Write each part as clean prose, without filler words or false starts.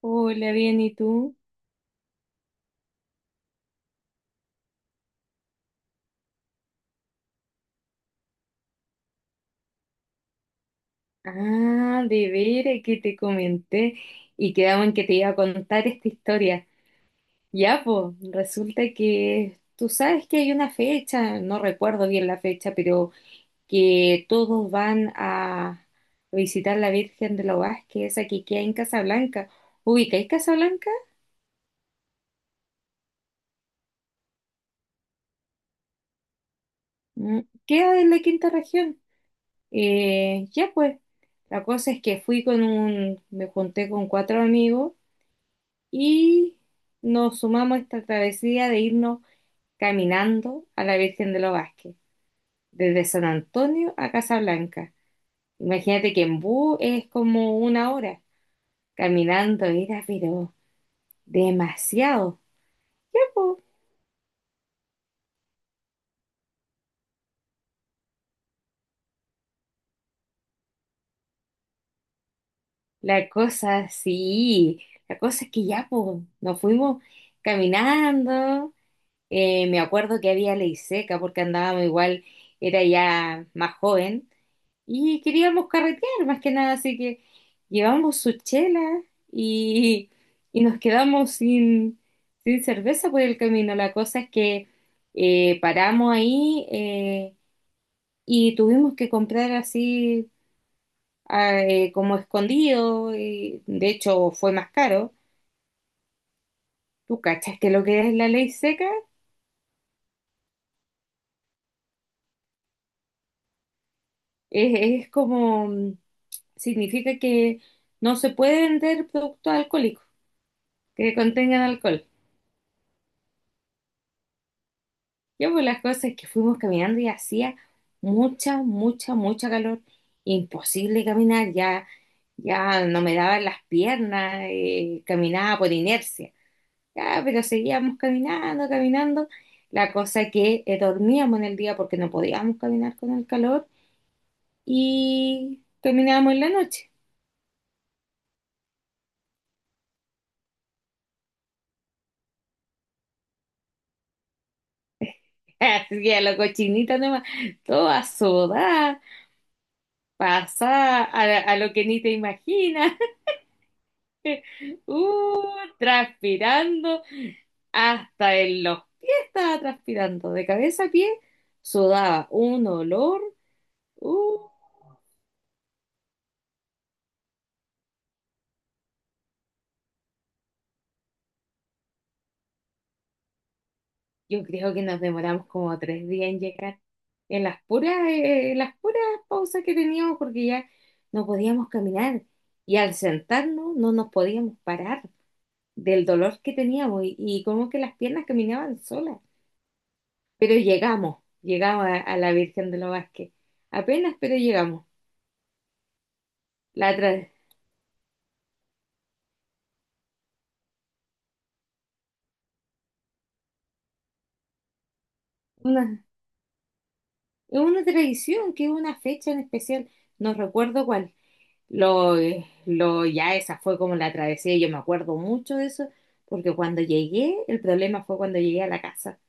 Hola, bien, ¿y tú? Ah, de veras que te comenté y quedamos en que te iba a contar esta historia. Ya, pues, resulta que tú sabes que hay una fecha, no recuerdo bien la fecha, pero que todos van a visitar la Virgen de los Vázquez, esa que queda en Casablanca. ¿Ubicáis Casablanca? Mm. Queda en la quinta región. Ya, pues, la cosa es que me junté con cuatro amigos y nos sumamos a esta travesía de irnos caminando a la Virgen de los Vázquez, desde San Antonio a Casablanca. Imagínate que en bus es como una hora caminando, era pero demasiado. Ya, po. La cosa, sí, la cosa es que ya, po, nos fuimos caminando. Me acuerdo que había ley seca porque andábamos igual, era ya más joven y queríamos carretear más que nada, así que llevamos su chela y, y nos quedamos sin cerveza por el camino. La cosa es que paramos ahí, y tuvimos que comprar así, como escondido, y de hecho fue más caro. ¿Tú cachas que lo que es la ley seca? Es como, significa que no se puede vender productos alcohólicos que contengan alcohol. Ya pues las cosas es que fuimos caminando y hacía mucha, mucha, mucha calor. Imposible caminar, ya no me daban las piernas, caminaba por inercia. Ya, pero seguíamos caminando, caminando. La cosa que dormíamos en el día porque no podíamos caminar con el calor y caminábamos en la noche. Así que a la cochinita nomás, toda sudada, Pasa a lo que ni te imaginas, uh, transpirando hasta en los pies estaba transpirando, de cabeza a pie sudaba un olor, uh, yo creo que nos demoramos como 3 días en llegar, en las puras pausas que teníamos porque ya no podíamos caminar y al sentarnos no nos podíamos parar del dolor que teníamos y como que las piernas caminaban solas. Pero llegamos, llegamos a la Virgen de los Vázquez. Apenas, pero llegamos. La tra- una, es una tradición que es una fecha en especial, no recuerdo cuál. Ya esa fue como la travesía, yo me acuerdo mucho de eso, porque cuando llegué, el problema fue cuando llegué a la casa.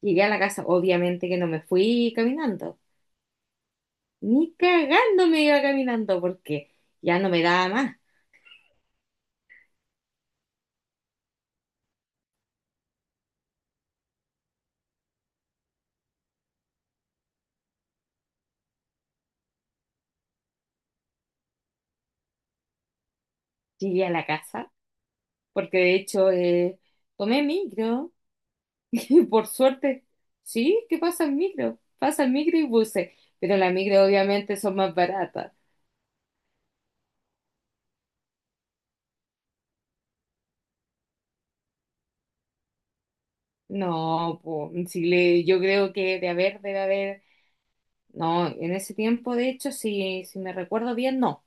Llegué a la casa, obviamente que no me fui caminando, ni cagando me iba caminando, porque ya no me daba más. Llegué a la casa, porque de hecho tomé micro. Por suerte, sí, ¿qué pasa el micro? Pasa el micro y buses, pero las micro obviamente son más baratas. No, po, si le, yo creo que de haber, debe haber, no, en ese tiempo, de hecho, si me recuerdo bien, no,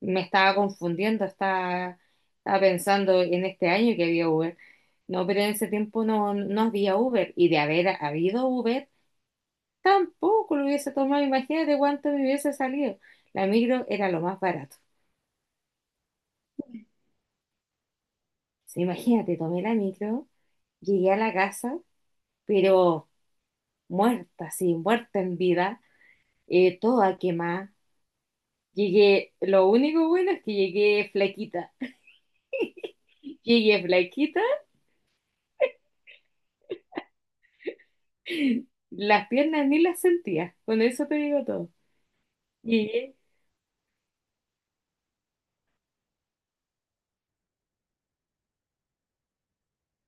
me estaba confundiendo, estaba pensando en este año que había Uber, no, pero en ese tiempo no, no había Uber, y de haber habido Uber, tampoco lo hubiese tomado, imagínate cuánto me hubiese salido, la micro era lo más barato. Sí, imagínate, tomé la micro. Llegué a la casa, pero muerta, sí, muerta en vida, toda quemada. Llegué, lo único bueno es que llegué flaquita. Llegué flaquita, las piernas ni las sentía. Con eso te digo todo. Llegué.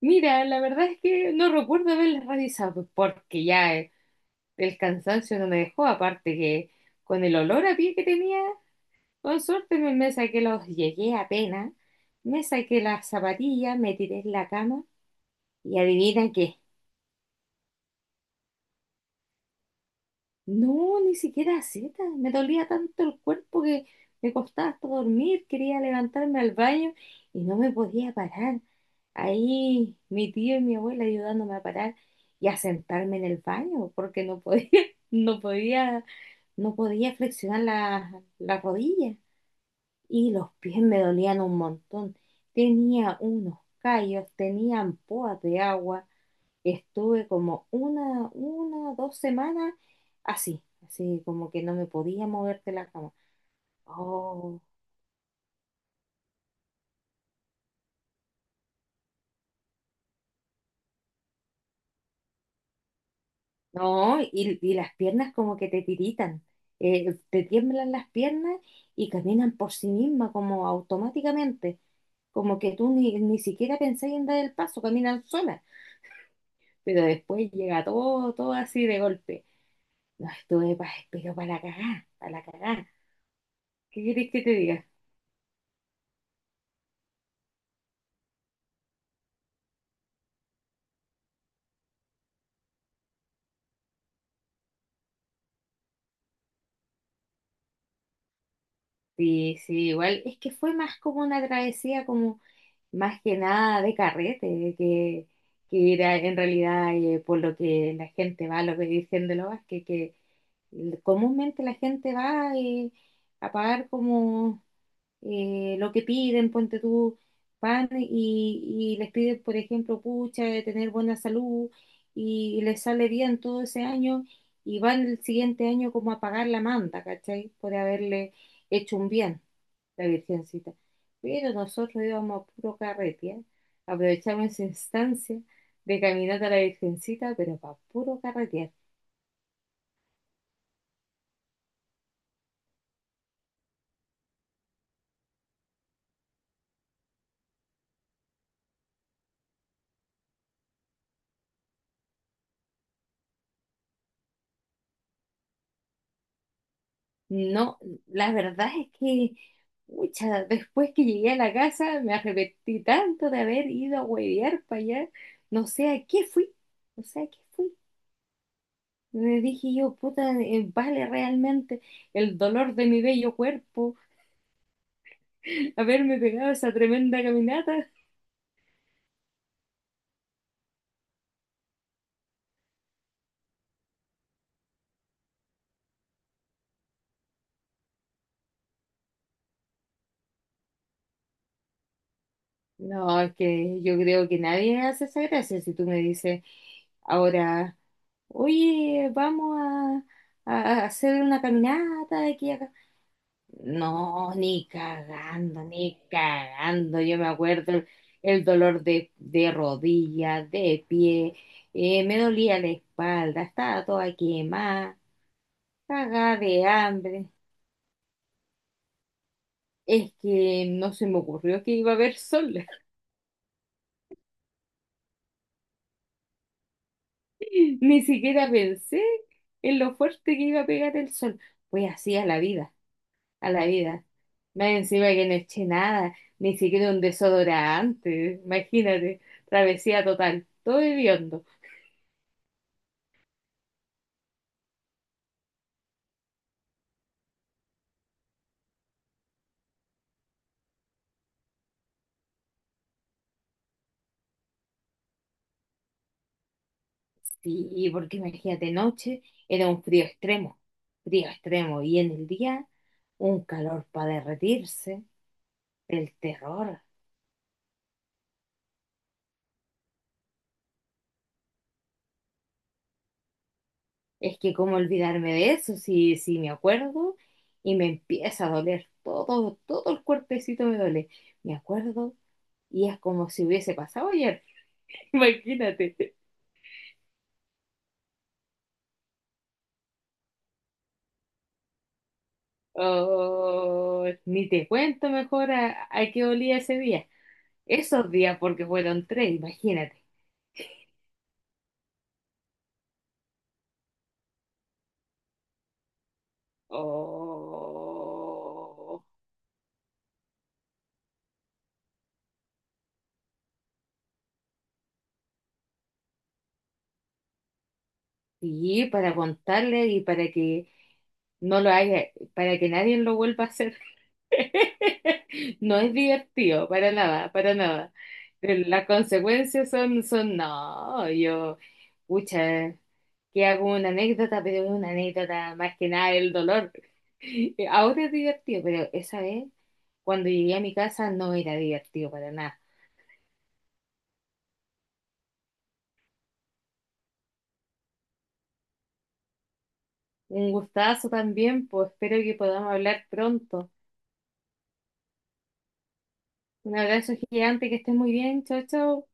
Mira, la verdad es que no recuerdo haberlas revisado porque ya, el cansancio no me dejó. Aparte que con el olor a pie que tenía, con suerte me saqué los. Llegué apenas, me saqué las zapatillas, me tiré en la cama. Y adivina qué. No, ni siquiera Z. Me dolía tanto el cuerpo que me costaba hasta dormir. Quería levantarme al baño y no me podía parar. Ahí mi tío y mi abuela ayudándome a parar y a sentarme en el baño porque no podía, no podía, no podía flexionar la rodilla. Y los pies me dolían un montón. Tenía unos callos, tenía ampoas de agua. Estuve como 2 semanas así, así como que no me podía mover de la cama. Oh, no, y las piernas como que te tiritan, te tiemblan las piernas y caminan por sí mismas como automáticamente, como que tú ni siquiera pensás en dar el paso, caminan solas, pero después llega todo, todo así de golpe. No, estuve pero para la cagá, para la cagá. ¿Qué querés que te diga? Sí, sí, igual es que fue más como una travesía, como más que nada de carrete, que en realidad, por lo que la gente va, lo que dicen de los que comúnmente la gente va, a pagar como, lo que piden, ponte tú, van y les piden, por ejemplo, pucha, de tener buena salud y, les sale bien todo ese año y van el siguiente año como a pagar la manta, ¿cachai? Por haberle hecho un bien la Virgencita. Pero nosotros íbamos a puro carretear, aprovechamos esa instancia de caminata a la Virgencita, pero para puro carretear. No, la verdad es que, pucha, después que llegué a la casa me arrepentí tanto de haber ido a huevear para allá. No sé a qué fui, no sé a qué fui. Me dije yo, puta, vale realmente el dolor de mi bello cuerpo haberme pegado esa tremenda caminata. No, es que yo creo que nadie hace esa gracia. Si tú me dices ahora, oye, vamos a hacer una caminata de aquí a acá. No, ni cagando, ni cagando. Yo me acuerdo el dolor de rodilla, de pie, me dolía la espalda, estaba toda quemada, cagada de hambre. Es que no se me ocurrió que iba a haber sol. Ni siquiera pensé en lo fuerte que iba a pegar el sol. Pues así a la vida, a la vida. Más encima que no eché nada, ni siquiera un desodorante. Imagínate, travesía total, todo hediondo. Sí, porque imagínate, noche era un frío extremo, frío extremo. Y en el día, un calor para derretirse, el terror. Es que cómo olvidarme de eso, si me acuerdo y me empieza a doler, todo, todo el cuerpecito me duele. Me acuerdo y es como si hubiese pasado ayer, imagínate. Oh, ni te cuento mejor a qué olía ese día. Esos días, porque fueron tres, imagínate. Oh, y para contarle y para que no lo haga, para que nadie lo vuelva a hacer. No es divertido, para nada, para nada. Las consecuencias son, no, yo, pucha, que hago una anécdota, pero es una anécdota más que nada el dolor. Ahora es divertido, pero esa vez, cuando llegué a mi casa, no era divertido para nada. Un gustazo también, pues espero que podamos hablar pronto. Un abrazo gigante, que estés muy bien, chao, chao.